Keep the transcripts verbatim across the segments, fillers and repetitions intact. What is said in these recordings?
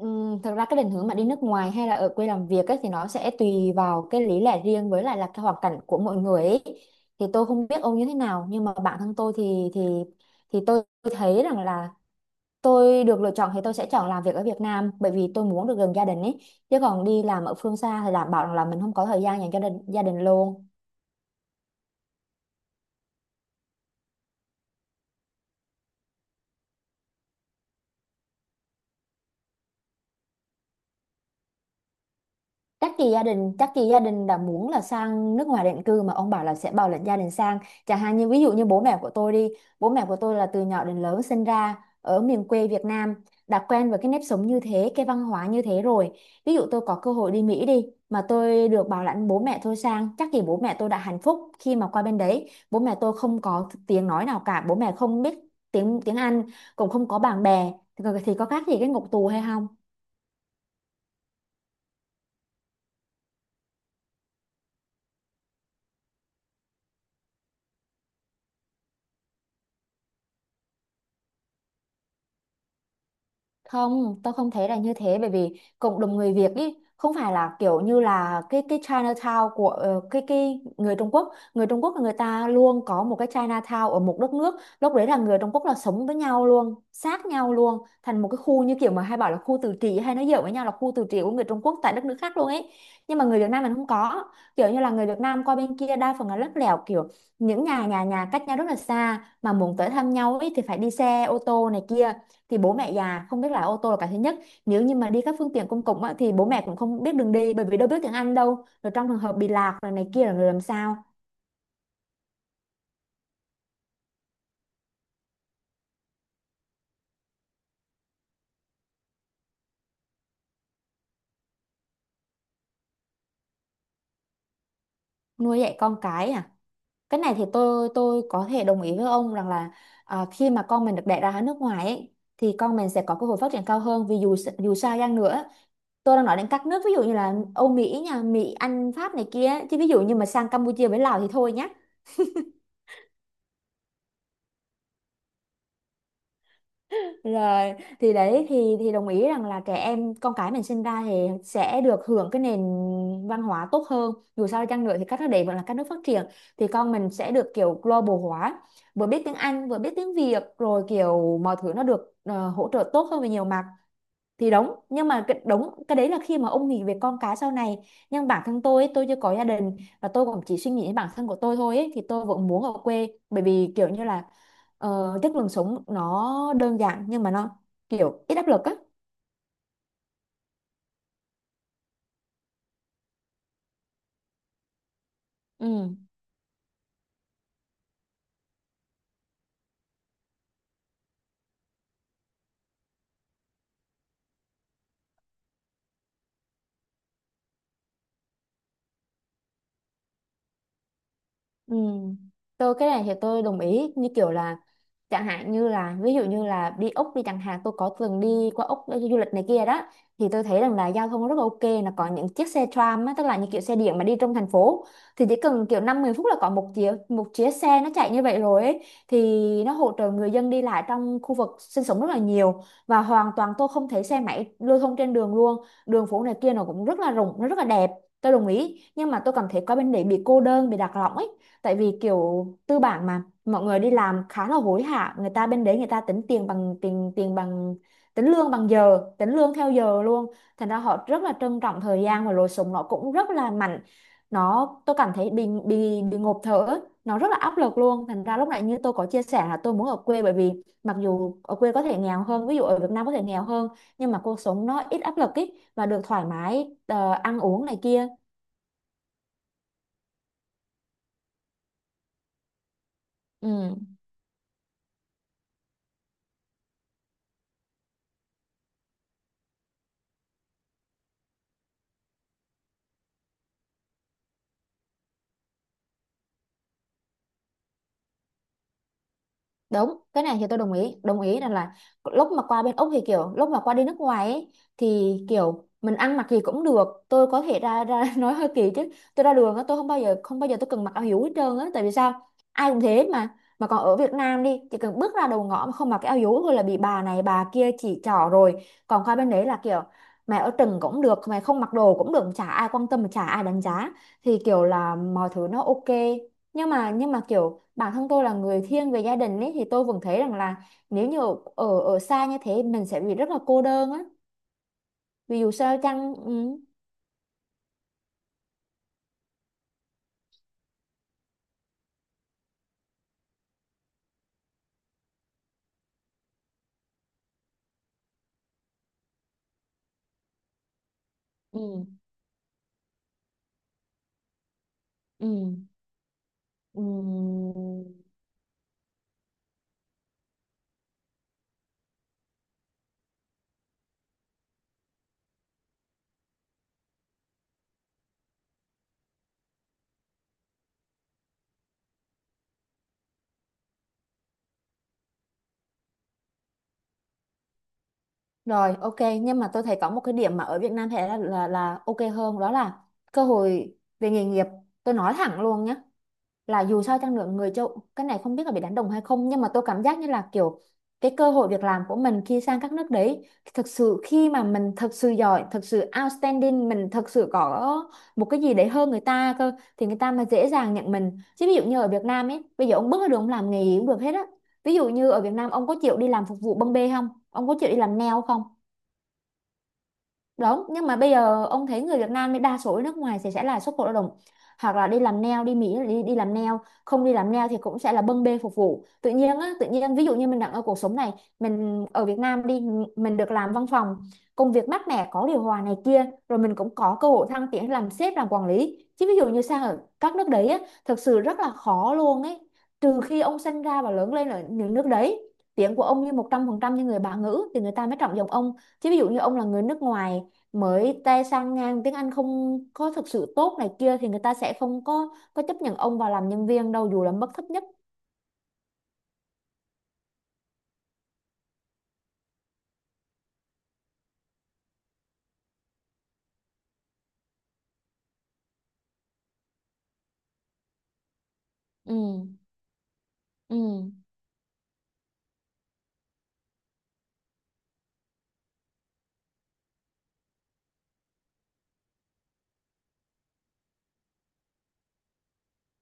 Ừm, thật ra cái định hướng mà đi nước ngoài hay là ở quê làm việc ấy, thì nó sẽ tùy vào cái lý lẽ riêng với lại là cái hoàn cảnh của mỗi người ấy. Thì tôi không biết ông như thế nào nhưng mà bản thân tôi thì thì thì tôi thấy rằng là tôi được lựa chọn thì tôi sẽ chọn làm việc ở Việt Nam bởi vì tôi muốn được gần gia đình ấy, chứ còn đi làm ở phương xa thì đảm bảo rằng là mình không có thời gian dành cho đình, gia đình luôn. Chắc gì gia đình chắc gì gia đình đã muốn là sang nước ngoài định cư mà ông bảo là sẽ bảo lãnh gia đình sang. Chẳng hạn như ví dụ như bố mẹ của tôi đi, bố mẹ của tôi là từ nhỏ đến lớn sinh ra ở miền quê Việt Nam, đã quen với cái nếp sống như thế, cái văn hóa như thế rồi. Ví dụ tôi có cơ hội đi Mỹ đi mà tôi được bảo lãnh bố mẹ tôi sang, chắc gì bố mẹ tôi đã hạnh phúc khi mà qua bên đấy. Bố mẹ tôi không có tiếng nói nào cả, bố mẹ không biết tiếng tiếng Anh, cũng không có bạn bè thì có thì có khác gì cái ngục tù hay không? Không, tôi không thấy là như thế, bởi vì cộng đồng người Việt ý không phải là kiểu như là cái cái Chinatown của ờ, cái cái người Trung Quốc. Người Trung Quốc là người ta luôn có một cái Chinatown ở một đất nước, lúc đấy là người Trung Quốc là sống với nhau luôn, sát nhau luôn, thành một cái khu như kiểu mà hay bảo là khu tự trị, hay nói giỡn với nhau là khu tự trị của người Trung Quốc tại đất nước khác luôn ấy. Nhưng mà người Việt Nam mình không có, kiểu như là người Việt Nam qua bên kia đa phần là lắt léo kiểu những nhà nhà nhà cách nhau rất là xa, mà muốn tới thăm nhau ấy thì phải đi xe ô tô này kia, thì bố mẹ già không biết lái ô tô là cái thứ nhất. Nếu như mà đi các phương tiện công cộng á, thì bố mẹ cũng không biết đường đi bởi vì đâu biết tiếng Anh đâu, rồi trong trường hợp bị lạc rồi này kia là người làm sao? Nuôi dạy con cái à? Cái này thì tôi tôi có thể đồng ý với ông rằng là, à, khi mà con mình được đẻ ra ở nước ngoài ấy, thì con mình sẽ có cơ hội phát triển cao hơn, vì dù s- dù sao chăng nữa, tôi đang nói đến các nước ví dụ như là Âu Mỹ nha, Mỹ Anh Pháp này kia, chứ ví dụ như mà sang Campuchia với Lào thì thôi nhá. Rồi, thì đấy thì thì đồng ý rằng là trẻ em con cái mình sinh ra thì sẽ được hưởng cái nền văn hóa tốt hơn. Dù sao đi chăng nữa thì các nước đấy vẫn là các nước phát triển, thì con mình sẽ được kiểu global hóa, vừa biết tiếng Anh, vừa biết tiếng Việt, rồi kiểu mọi thứ nó được ờ, hỗ trợ tốt hơn về nhiều mặt thì đúng. Nhưng mà cái đúng cái đấy là khi mà ông nghĩ về con cái sau này. Nhưng bản thân tôi ấy, tôi chưa có gia đình và tôi cũng chỉ suy nghĩ đến bản thân của tôi thôi ấy, thì tôi vẫn muốn ở quê bởi vì kiểu như là, ờ, chất lượng sống nó đơn giản nhưng mà nó kiểu ít áp lực á. Ừ. Ừ. Tôi cái này thì tôi đồng ý, như kiểu là chẳng hạn như là ví dụ như là đi Úc đi chẳng hạn, tôi có từng đi qua Úc đi du lịch này kia đó, thì tôi thấy rằng là giao thông rất là ok, là có những chiếc xe tram á, tức là những kiểu xe điện mà đi trong thành phố, thì chỉ cần kiểu năm mười phút là có một chiếc một chiếc xe nó chạy như vậy rồi ấy, thì nó hỗ trợ người dân đi lại trong khu vực sinh sống rất là nhiều, và hoàn toàn tôi không thấy xe máy lưu thông trên đường luôn, đường phố này kia nó cũng rất là rộng, nó rất là đẹp. Tôi đồng ý, nhưng mà tôi cảm thấy qua bên đấy bị cô đơn, bị lạc lõng ấy, tại vì kiểu tư bản mà mọi người đi làm khá là hối hả, người ta bên đấy người ta tính tiền bằng tiền tiền bằng tính lương bằng giờ, tính lương theo giờ luôn, thành ra họ rất là trân trọng thời gian, và lối sống nó cũng rất là mạnh. Nó tôi cảm thấy bị bị bị ngộp thở, nó rất là áp lực luôn, thành ra lúc nãy như tôi có chia sẻ là tôi muốn ở quê, bởi vì mặc dù ở quê có thể nghèo hơn, ví dụ ở Việt Nam có thể nghèo hơn, nhưng mà cuộc sống nó ít áp lực ý và được thoải mái ờ, ăn uống này kia. Ừ. Đúng, cái này thì tôi đồng ý, đồng ý rằng là lúc mà qua bên Úc thì kiểu lúc mà qua đi nước ngoài ấy, thì kiểu mình ăn mặc gì cũng được, tôi có thể ra ra nói hơi kỳ chứ tôi ra đường á tôi không bao giờ, không bao giờ tôi cần mặc áo hiếu hết trơn á, tại vì sao? Ai cũng thế mà. Mà còn ở Việt Nam đi chỉ cần bước ra đầu ngõ mà không mặc cái áo hiếu thôi là bị bà này bà kia chỉ trỏ rồi, còn qua bên đấy là kiểu mày ở trần cũng được, mày không mặc đồ cũng được, chả ai quan tâm, chả ai đánh giá, thì kiểu là mọi thứ nó ok. Nhưng mà nhưng mà kiểu bản thân tôi là người thiên về gia đình ấy thì tôi vẫn thấy rằng là nếu như ở ở ở xa như thế mình sẽ bị rất là cô đơn á, vì dù sao chăng. Ừ, ừ, ừ, ừ. Rồi, ok. Nhưng mà tôi thấy có một cái điểm mà ở Việt Nam thế là, là là ok hơn, đó là cơ hội về nghề nghiệp. Tôi nói thẳng luôn nhé, là dù sao chăng nữa người châu, cái này không biết là bị đánh đồng hay không, nhưng mà tôi cảm giác như là kiểu cái cơ hội việc làm của mình khi sang các nước đấy, thực sự khi mà mình thực sự giỏi, thực sự outstanding, mình thực sự có một cái gì đấy hơn người ta cơ thì người ta mới dễ dàng nhận mình. Chứ ví dụ như ở Việt Nam ấy bây giờ ông bước ra đường ông làm nghề gì cũng được hết á, ví dụ như ở Việt Nam ông có chịu đi làm phục vụ bưng bê không, ông có chịu đi làm nail không? Đúng, nhưng mà bây giờ ông thấy người Việt Nam mới đa số ở nước ngoài thì sẽ là xuất khẩu lao động, hoặc là đi làm nail, đi Mỹ là đi đi làm nail, không đi làm nail thì cũng sẽ là bưng bê phục vụ. Tự nhiên á, tự nhiên ví dụ như mình đang ở cuộc sống này, mình ở Việt Nam đi, mình được làm văn phòng, công việc mát mẻ có điều hòa này kia, rồi mình cũng có cơ hội thăng tiến làm sếp làm quản lý, chứ ví dụ như sang ở các nước đấy á thực sự rất là khó luôn ấy, trừ khi ông sinh ra và lớn lên ở những nước đấy, tiếng của ông như một trăm phần trăm như người bản ngữ thì người ta mới trọng dụng ông. Chứ ví dụ như ông là người nước ngoài mới tay sang ngang, tiếng Anh không có thực sự tốt này kia, thì người ta sẽ không có có chấp nhận ông vào làm nhân viên đâu dù là mức thấp nhất. Ừ, ừ.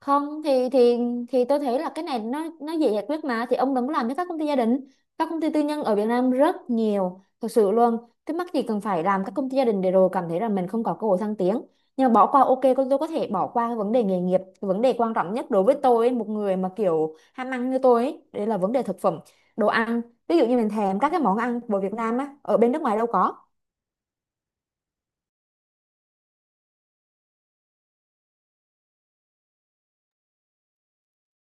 không thì thì thì tôi thấy là cái này nó nó dễ giải quyết mà, thì ông đừng có làm cho các công ty gia đình. Các công ty tư nhân ở Việt Nam rất nhiều thực sự luôn, cái mắc gì cần phải làm các công ty gia đình để rồi cảm thấy là mình không có cơ hội thăng tiến. Nhưng mà bỏ qua, ok, con tôi có thể bỏ qua cái vấn đề nghề nghiệp. Cái vấn đề quan trọng nhất đối với tôi, một người mà kiểu ham ăn như tôi ấy, đấy là vấn đề thực phẩm, đồ ăn. Ví dụ như mình thèm các cái món ăn của Việt Nam á, ở bên nước ngoài đâu có.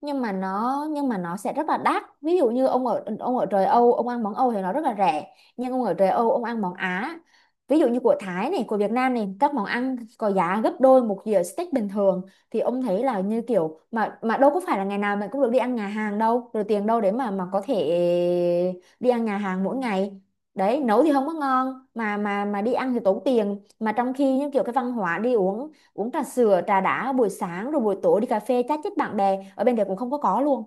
Nhưng mà nó nhưng mà nó sẽ rất là đắt. Ví dụ như ông ở ông ở trời Âu ông ăn món Âu thì nó rất là rẻ, nhưng ông ở trời Âu ông ăn món Á, ví dụ như của Thái này, của Việt Nam này, các món ăn có giá gấp đôi một dĩa steak bình thường. Thì ông thấy là như kiểu mà mà đâu có phải là ngày nào mình cũng được đi ăn nhà hàng đâu, rồi tiền đâu để mà mà có thể đi ăn nhà hàng mỗi ngày. Đấy, nấu thì không có ngon mà mà mà đi ăn thì tốn tiền, mà trong khi những kiểu cái văn hóa đi uống uống trà sữa, trà đá buổi sáng, rồi buổi tối đi cà phê chat chít bạn bè ở bên đấy cũng không có có luôn.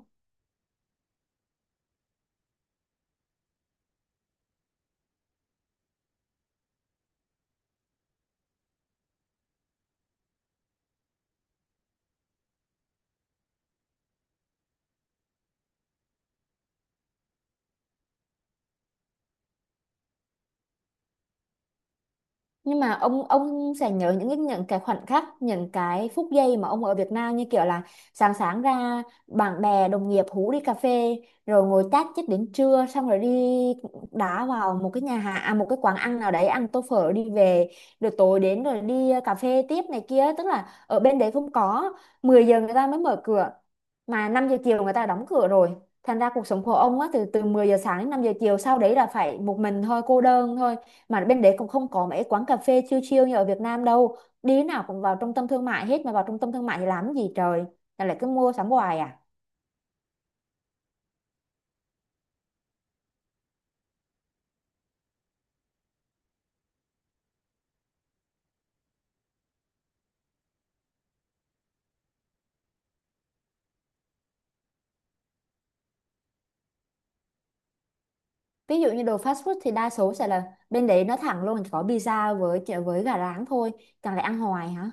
Nhưng mà ông ông sẽ nhớ những cái- những cái khoảnh khắc, những cái phút giây mà ông ở Việt Nam, như kiểu là sáng sáng ra bạn bè đồng nghiệp hú đi cà phê, rồi ngồi chat chít đến trưa, xong rồi đi đá vào một cái nhà hàng à, một cái quán ăn nào đấy ăn tô phở đi về, rồi tối đến rồi đi ờ, cà phê tiếp này kia. Tức là ở bên đấy không có, mười giờ người ta mới mở cửa, mà năm giờ chiều người ta đóng cửa rồi. Thành ra cuộc sống của ông á, từ từ mười giờ sáng đến năm giờ chiều, sau đấy là phải một mình thôi, cô đơn thôi. Mà bên đấy cũng không có mấy quán cà phê chill chill như ở Việt Nam đâu. Đi nào cũng vào trung tâm thương mại hết, mà vào trung tâm thương mại thì làm gì trời. Là lại cứ mua sắm hoài à. Ví dụ như đồ fast food thì đa số sẽ là bên đấy nó thẳng luôn, chỉ có pizza với với gà rán thôi. Chẳng lẽ ăn hoài hả?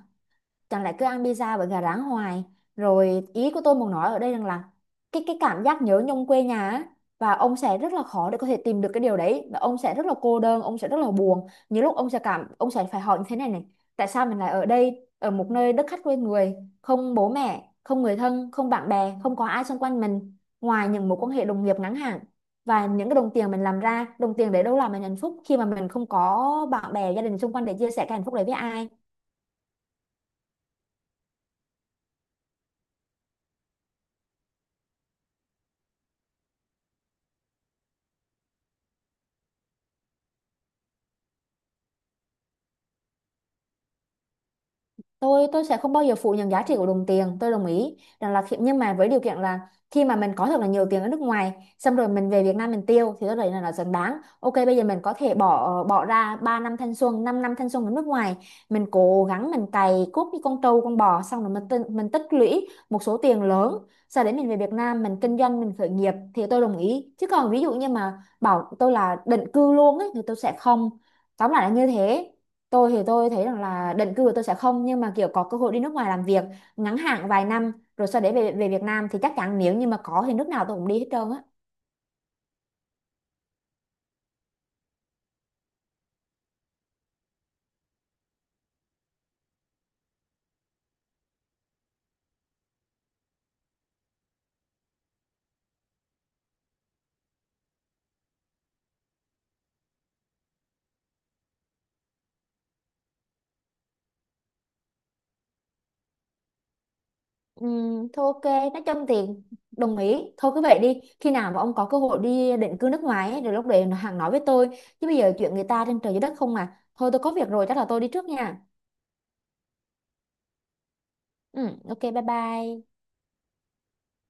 Chẳng lẽ cứ ăn pizza với gà rán hoài? Rồi ý của tôi muốn nói ở đây rằng là cái cái cảm giác nhớ nhung quê nhà á, và ông sẽ rất là khó để có thể tìm được cái điều đấy, và ông sẽ rất là cô đơn, ông sẽ rất là buồn. Nhiều lúc ông sẽ cảm, ông sẽ phải hỏi như thế này này: tại sao mình lại ở đây, ở một nơi đất khách quê người, không bố mẹ, không người thân, không bạn bè, không có ai xung quanh mình, ngoài những mối quan hệ đồng nghiệp ngắn hạn. Và những cái đồng tiền mình làm ra, đồng tiền để đâu làm mình hạnh phúc khi mà mình không có bạn bè gia đình xung quanh để chia sẻ cái hạnh phúc đấy với ai. Tôi tôi sẽ không bao giờ phủ nhận giá trị của đồng tiền, tôi đồng ý rằng là khi, nhưng mà với điều kiện là khi mà mình có thật là nhiều tiền ở nước ngoài, xong rồi mình về Việt Nam mình tiêu, thì tôi thấy là nó xứng đáng. Ok, bây giờ mình có thể bỏ ờ, bỏ ra ba năm thanh xuân, 5 năm thanh xuân ở nước ngoài, mình cố gắng mình cày cuốc như con trâu con bò, xong rồi mình tinh- mình tích lũy một số tiền lớn, sau đấy mình về Việt Nam mình kinh doanh, mình khởi nghiệp, thì tôi đồng ý. Chứ còn ví dụ như mà bảo tôi là định cư luôn ấy thì tôi sẽ không. Tóm lại là như thế. Tôi thì tôi thấy rằng là định cư của tôi sẽ không, nhưng mà kiểu có cơ hội đi nước ngoài làm việc ngắn hạn vài năm rồi sau đấy về về Việt Nam thì chắc chắn, nếu như mà có thì nước nào tôi cũng đi hết trơn á. Ừm, thôi ok, nói chung thì đồng ý. Thôi cứ vậy đi. Khi nào mà ông có cơ hội đi định cư nước ngoài ấy, rồi lúc đấy hàng nói với tôi. Chứ bây giờ chuyện người ta trên trời dưới đất không à. Thôi tôi có việc rồi, chắc là tôi đi trước nha. Ừ, ok, bye bye.